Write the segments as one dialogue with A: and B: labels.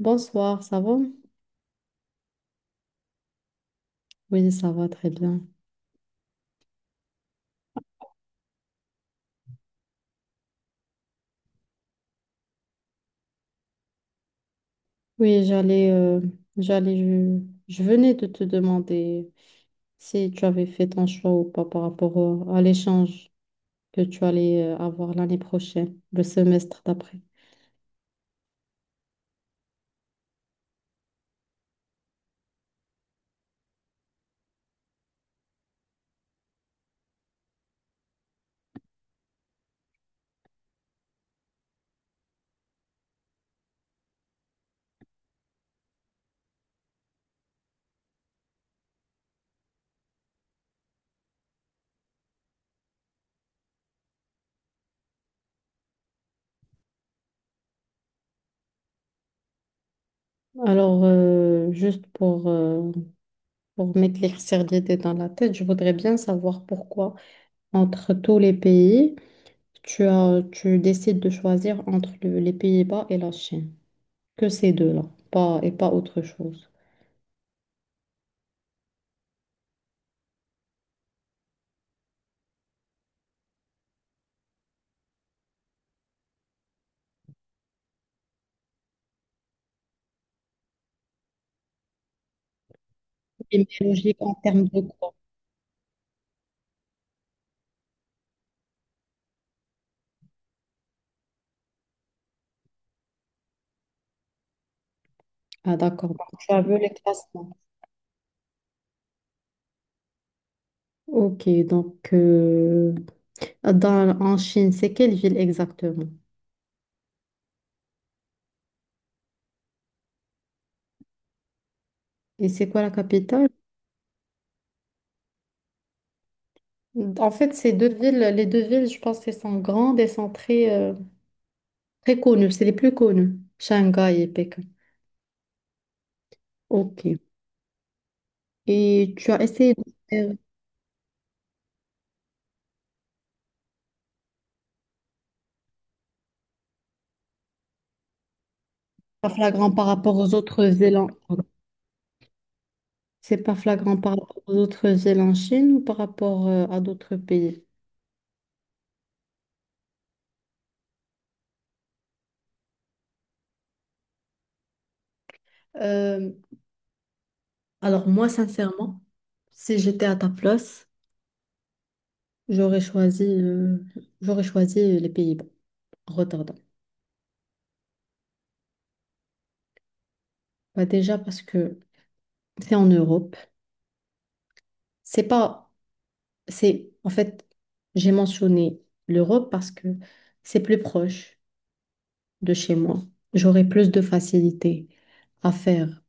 A: Bonsoir, ça va? Oui, ça va très bien. Oui, j'allais, j'allais, je venais de te demander si tu avais fait ton choix ou pas par rapport à l'échange que tu allais avoir l'année prochaine, le semestre d'après. Alors, juste pour m'éclaircir l'idée dans la tête, je voudrais bien savoir pourquoi, entre tous les pays, tu décides de choisir entre les Pays-Bas et la Chine, que ces deux-là, pas, et pas autre chose. Et logique en termes de quoi? Ah, d'accord. Donc, tu as vu le classement. Ok, donc en Chine, c'est quelle ville exactement? Et c'est quoi la capitale? En fait, les deux villes, je pense qu'elles sont grandes et sont très, très connues. C'est les plus connues, Shanghai et Pékin. Ok. Et tu as essayé de faire pas flagrant par rapport aux autres villes en... C'est pas flagrant par rapport aux autres villes en Chine ou par rapport à d'autres pays? Euh, Alors moi, sincèrement, si j'étais à ta place, j'aurais choisi, euh, j'aurais choisi les Pays-Bas, Rotterdam. Bah déjà parce que c'est en Europe. C'est pas, c'est en fait, j'ai mentionné l'Europe parce que c'est plus proche de chez moi. J'aurais plus de facilité à faire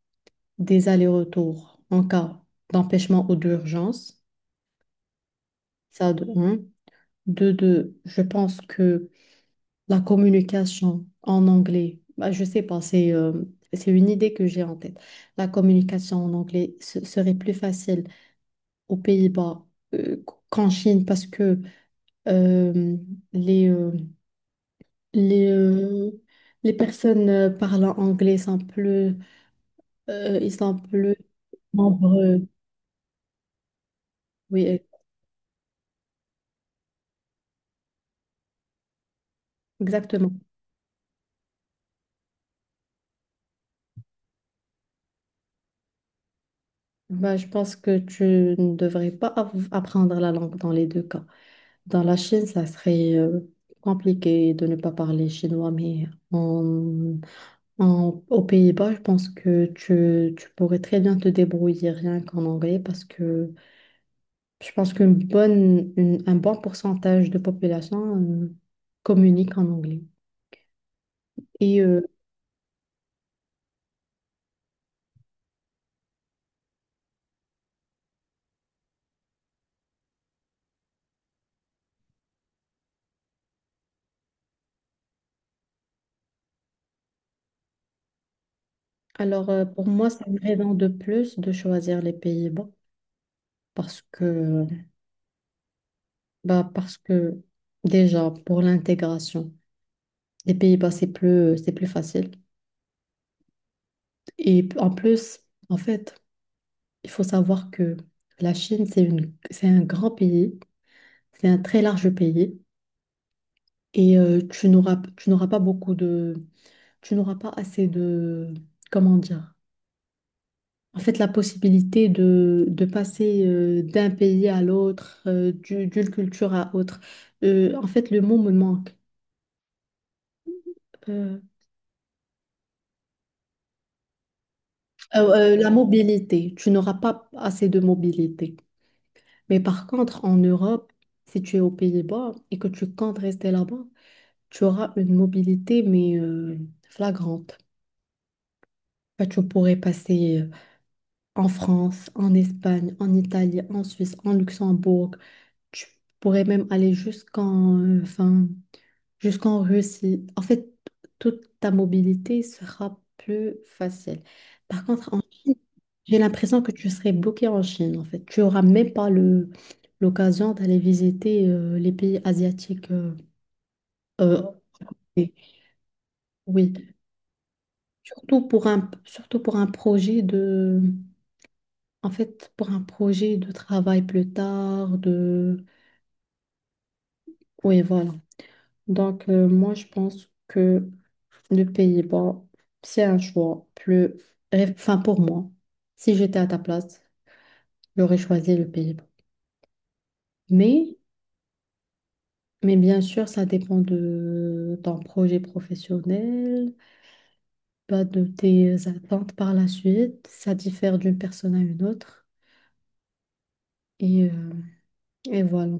A: des allers-retours en cas d'empêchement ou d'urgence. Ça de un. De deux, je pense que la communication en anglais, bah, je sais pas, c'est une idée que j'ai en tête. La communication en anglais serait plus facile aux Pays-Bas qu'en Chine parce que euh, les, euh, les, euh, les personnes parlant anglais sont ils sont plus nombreux. Oui, exactement. Bah, je pense que tu ne devrais pas apprendre la langue dans les deux cas. Dans la Chine, ça serait compliqué de ne pas parler chinois, mais en, aux Pays-Bas, je pense que tu pourrais très bien te débrouiller rien qu'en anglais parce que je pense un bon pourcentage de population communique en anglais. Et euh, alors, pour moi, c'est une raison de plus de choisir les Pays-Bas parce que, bah, parce que déjà, pour l'intégration, les Pays-Bas, c'est plus facile. Et en plus, en fait, il faut savoir que la Chine, c'est un grand pays, c'est un très large pays, et tu n'auras pas beaucoup de, tu n'auras pas assez de, comment dire, en fait, la possibilité de passer d'un pays à l'autre, d'une culture à autre. En fait, le mot me manque. Euh, la mobilité, tu n'auras pas assez de mobilité. Mais par contre, en Europe, si tu es aux Pays-Bas et que tu comptes rester là-bas, tu auras une mobilité, mais flagrante. Bah, tu pourrais passer en France, en Espagne, en Italie, en Suisse, en Luxembourg. Tu pourrais même aller enfin, jusqu'en Russie. En fait, toute ta mobilité sera plus facile. Par contre, en Chine, j'ai l'impression que tu serais bloqué en Chine, en fait. Tu n'auras même pas le, l'occasion d'aller visiter les pays asiatiques. Euh, et- oui, surtout pour un projet de, en fait, pour un projet de travail plus tard, de, oui, voilà. Donc, moi, je pense que le Pays-Bas, c'est un choix plus... Enfin, pour moi, si j'étais à ta place, j'aurais choisi le Pays-Bas. Mais, mais bien sûr, ça dépend de ton projet professionnel, bah, de tes attentes par la suite. Ça diffère d'une personne à une autre. Et, euh, et voilà.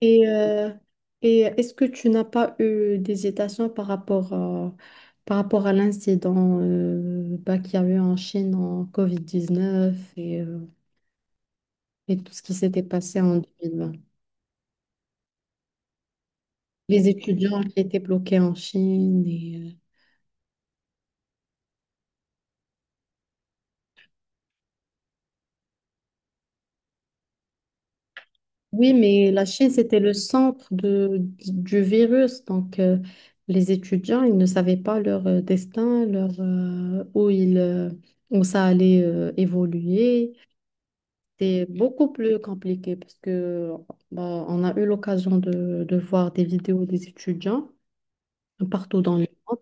A: Et, euh, et est-ce que tu n'as pas eu d'hésitation par rapport à l'incident bah, qu'il y a eu en Chine en COVID-19 et tout ce qui s'était passé en 2020. Les étudiants qui étaient bloqués en Chine. Oui, mais la Chine, c'était le centre de, du virus. Donc, les étudiants, ils ne savaient pas leur où ça allait évoluer. C'était beaucoup plus compliqué parce que bah, on a eu l'occasion de voir des vidéos des étudiants partout dans le monde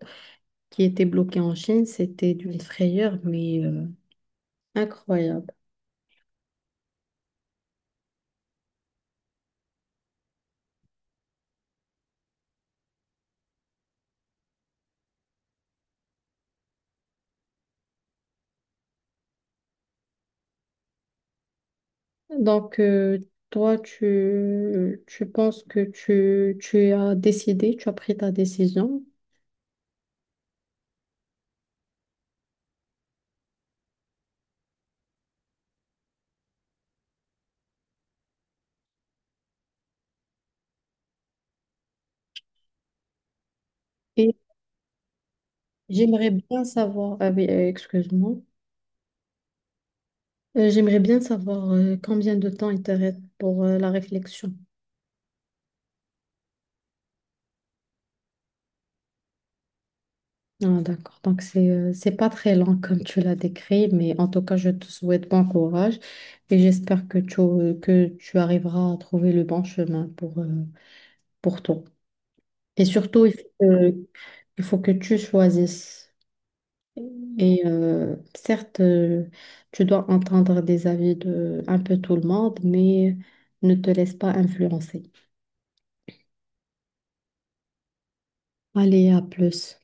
A: qui étaient bloqués en Chine. C'était d'une frayeur, mais incroyable. Donc, tu penses que tu as décidé, tu as pris ta décision et j'aimerais bien savoir, ah oui, excuse-moi, j'aimerais bien savoir combien de temps il te reste pour la réflexion. Ah, d'accord. Donc, c'est pas très lent comme tu l'as décrit, mais en tout cas, je te souhaite bon courage et j'espère que tu arriveras à trouver le bon chemin pour toi. Et surtout, il faut que tu choisisses. Et euh, certes, euh, tu dois entendre des avis de un peu tout le monde, mais ne te laisse pas influencer. Allez, à plus.